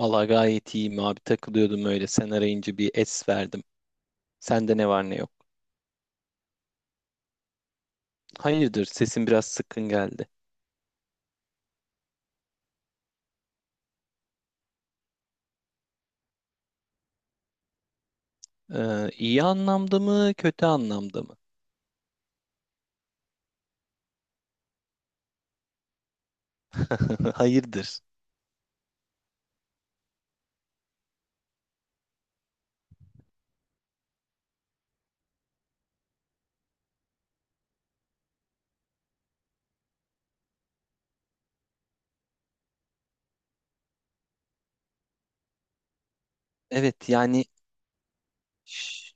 Valla gayet iyiyim abi, takılıyordum öyle, sen arayınca bir es verdim. Sende ne var ne yok. Hayırdır, sesin biraz sıkkın geldi. İyi anlamda mı kötü anlamda mı? Hayırdır. Evet yani. ş-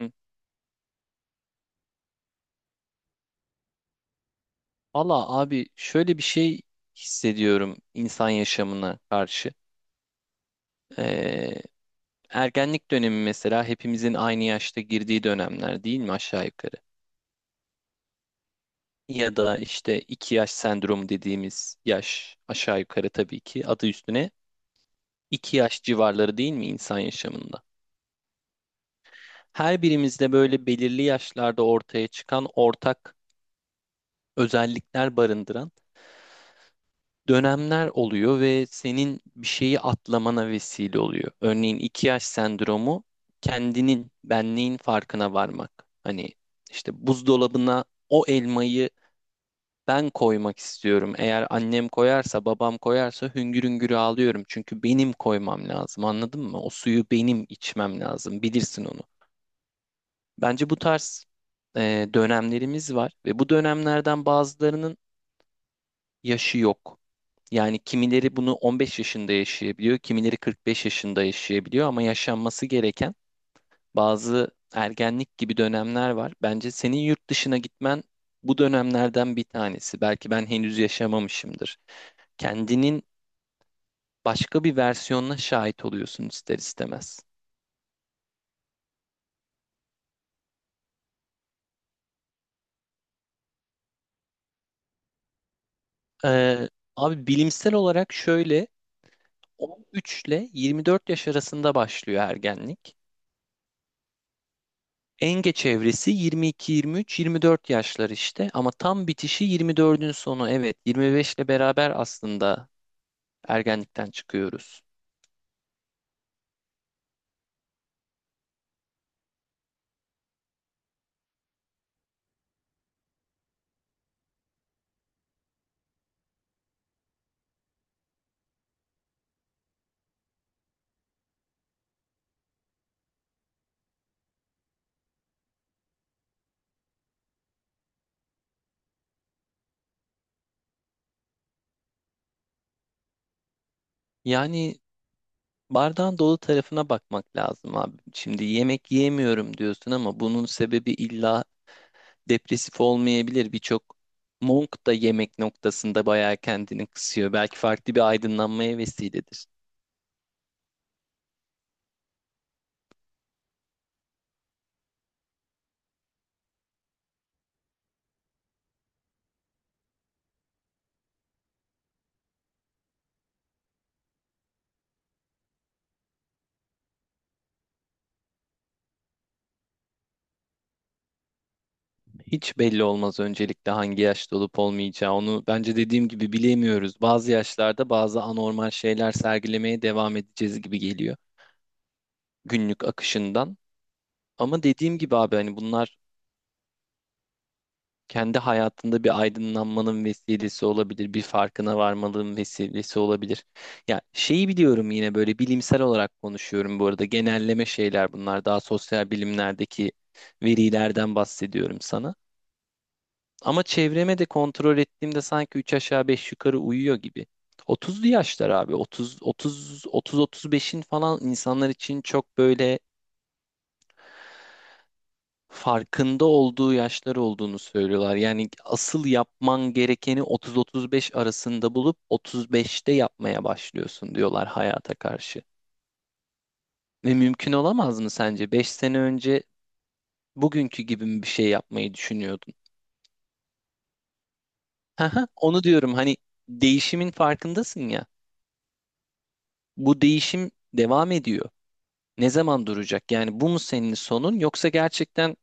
hı. Valla abi, şöyle bir şey hissediyorum insan yaşamına karşı. Ee, Ergenlik dönemi mesela, hepimizin aynı yaşta girdiği dönemler değil mi aşağı yukarı? Ya da işte iki yaş sendromu dediğimiz yaş, aşağı yukarı tabii ki adı üstüne iki yaş civarları, değil mi insan yaşamında? Her birimizde böyle belirli yaşlarda ortaya çıkan ortak özellikler barındıran dönemler oluyor ve senin bir şeyi atlamana vesile oluyor. Örneğin iki yaş sendromu kendinin, benliğin farkına varmak. Hani işte buzdolabına o elmayı ben koymak istiyorum. Eğer annem koyarsa, babam koyarsa hüngür hüngür ağlıyorum. Çünkü benim koymam lazım, anladın mı? O suyu benim içmem lazım. Bilirsin onu. Bence bu tarz dönemlerimiz var ve bu dönemlerden bazılarının yaşı yok. Yani kimileri bunu 15 yaşında yaşayabiliyor, kimileri 45 yaşında yaşayabiliyor ama yaşanması gereken bazı ergenlik gibi dönemler var. Bence senin yurt dışına gitmen bu dönemlerden bir tanesi. Belki ben henüz yaşamamışımdır. Kendinin başka bir versiyonuna şahit oluyorsun ister istemez. Ee, Abi bilimsel olarak şöyle, 13 ile 24 yaş arasında başlıyor ergenlik. En geç evresi 22, 23, 24 yaşlar işte ama tam bitişi 24'ün sonu, evet 25 ile beraber aslında ergenlikten çıkıyoruz. Yani bardağın dolu tarafına bakmak lazım abi. Şimdi yemek yiyemiyorum diyorsun ama bunun sebebi illa depresif olmayabilir. Birçok monk da yemek noktasında bayağı kendini kısıyor. Belki farklı bir aydınlanmaya vesiledir. Hiç belli olmaz öncelikle hangi yaşta olup olmayacağı. Onu bence dediğim gibi bilemiyoruz. Bazı yaşlarda bazı anormal şeyler sergilemeye devam edeceğiz gibi geliyor günlük akışından. Ama dediğim gibi abi, hani bunlar kendi hayatında bir aydınlanmanın vesilesi olabilir, bir farkına varmalığın vesilesi olabilir. Ya şeyi biliyorum, yine böyle bilimsel olarak konuşuyorum bu arada. Genelleme şeyler bunlar. Daha sosyal bilimlerdeki verilerden bahsediyorum sana. Ama çevreme de kontrol ettiğimde sanki 3 aşağı 5 yukarı uyuyor gibi. 30'lu yaşlar abi. 30 35'in falan, insanlar için çok böyle farkında olduğu yaşlar olduğunu söylüyorlar. Yani asıl yapman gerekeni 30 35 arasında bulup 35'te yapmaya başlıyorsun diyorlar hayata karşı. Ve mümkün olamaz mı sence? 5 sene önce bugünkü gibi mi bir şey yapmayı düşünüyordun? Haha, onu diyorum hani, değişimin farkındasın ya. Bu değişim devam ediyor. Ne zaman duracak? Yani bu mu senin sonun, yoksa gerçekten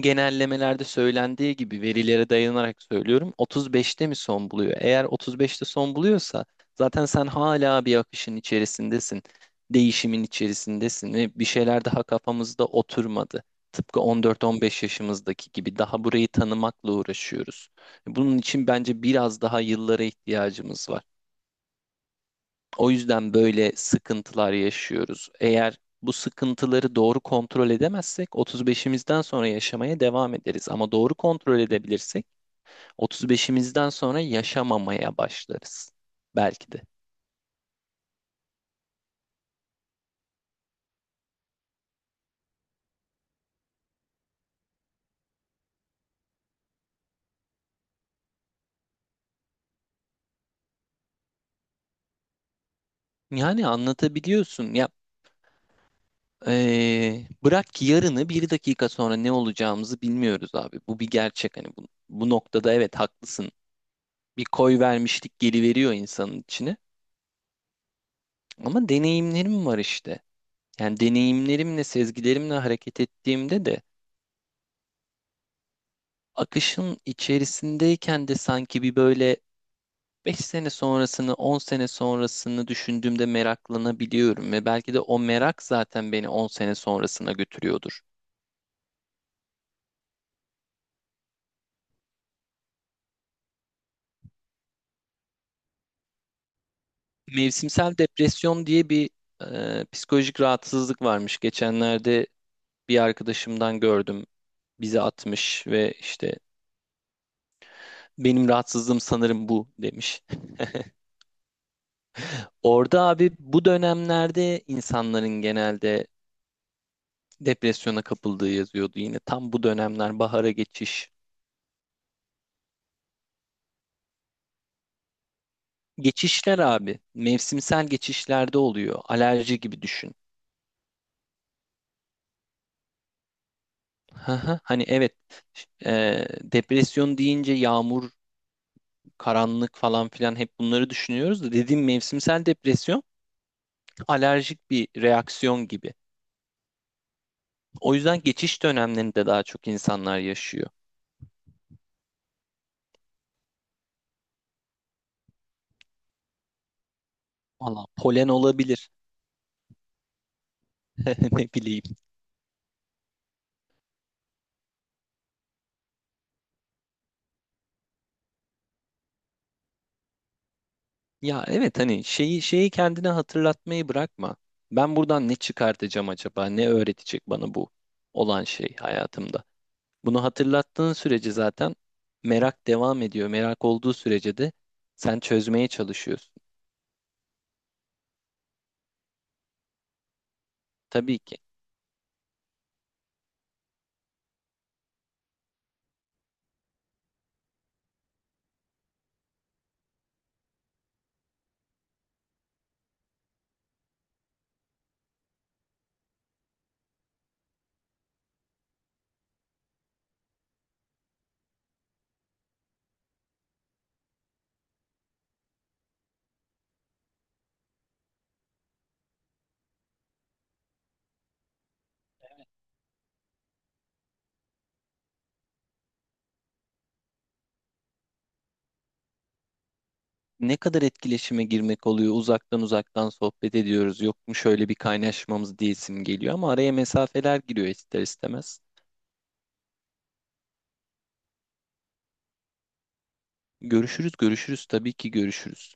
genellemelerde söylendiği gibi, verilere dayanarak söylüyorum, 35'te mi son buluyor? Eğer 35'te son buluyorsa zaten sen hala bir akışın içerisindesin. Değişimin içerisindesin ve bir şeyler daha kafamızda oturmadı. Tıpkı 14-15 yaşımızdaki gibi daha burayı tanımakla uğraşıyoruz. Bunun için bence biraz daha yıllara ihtiyacımız var. O yüzden böyle sıkıntılar yaşıyoruz. Eğer bu sıkıntıları doğru kontrol edemezsek 35'imizden sonra yaşamaya devam ederiz. Ama doğru kontrol edebilirsek 35'imizden sonra yaşamamaya başlarız. Belki de. Yani anlatabiliyorsun ya. Bırak ki yarını, bir dakika sonra ne olacağımızı bilmiyoruz abi. Bu bir gerçek, hani bu noktada evet haklısın. Bir koy vermişlik geliveriyor insanın içine. Ama deneyimlerim var işte. Yani deneyimlerimle, sezgilerimle hareket ettiğimde de, akışın içerisindeyken de sanki bir böyle 5 sene sonrasını, 10 sene sonrasını düşündüğümde meraklanabiliyorum ve belki de o merak zaten beni 10 sene sonrasına götürüyordur. Mevsimsel depresyon diye bir psikolojik rahatsızlık varmış. Geçenlerde bir arkadaşımdan gördüm. Bize atmış ve işte, benim rahatsızlığım sanırım bu demiş. Orada abi bu dönemlerde insanların genelde depresyona kapıldığı yazıyordu yine. Tam bu dönemler bahara geçiş. Geçişler abi mevsimsel geçişlerde oluyor. Alerji gibi düşün. Haha, hani evet, e, depresyon deyince yağmur, karanlık falan filan hep bunları düşünüyoruz da, dediğim mevsimsel depresyon alerjik bir reaksiyon gibi. O yüzden geçiş dönemlerinde daha çok insanlar yaşıyor. Valla polen olabilir. Ne bileyim. Ya evet hani, şeyi kendine hatırlatmayı bırakma. Ben buradan ne çıkartacağım acaba? Ne öğretecek bana bu olan şey hayatımda? Bunu hatırlattığın sürece zaten merak devam ediyor. Merak olduğu sürece de sen çözmeye çalışıyorsun. Tabii ki. Ne kadar etkileşime girmek oluyor. Uzaktan uzaktan sohbet ediyoruz. Yok mu şöyle bir kaynaşmamız diyesim geliyor ama araya mesafeler giriyor ister istemez. Görüşürüz, görüşürüz, tabii ki görüşürüz.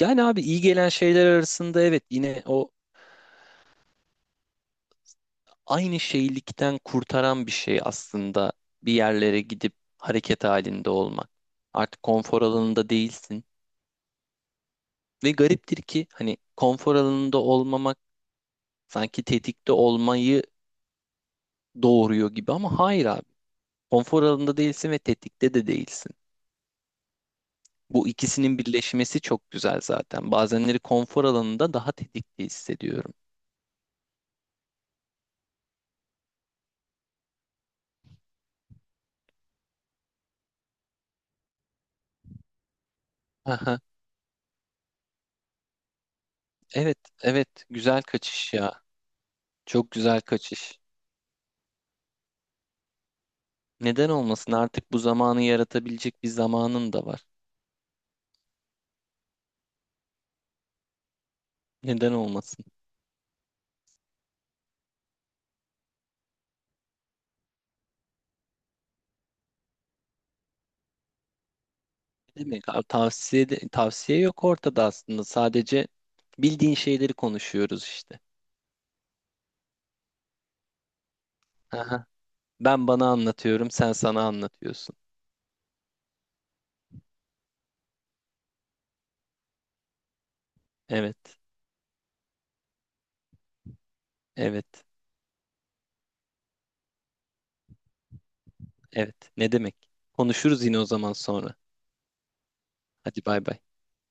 Yani abi iyi gelen şeyler arasında, evet, yine o aynı şeylikten kurtaran bir şey aslında bir yerlere gidip hareket halinde olmak. Artık konfor alanında değilsin. Ve gariptir ki hani konfor alanında olmamak sanki tetikte olmayı doğuruyor gibi ama hayır abi. Konfor alanında değilsin ve tetikte de değilsin. Bu ikisinin birleşmesi çok güzel zaten. Bazenleri konfor alanında daha tetikte hissediyorum. Aha, evet, evet. Güzel kaçış ya. Çok güzel kaçış. Neden olmasın? Artık bu zamanı yaratabilecek bir zamanın da var. Neden olmasın? Ne demek? Tavsiye yok ortada aslında. Sadece bildiğin şeyleri konuşuyoruz işte. Aha. Ben bana anlatıyorum, sen sana anlatıyorsun. Evet, evet, evet. Ne demek? Konuşuruz yine o zaman sonra. Hadi bay bay.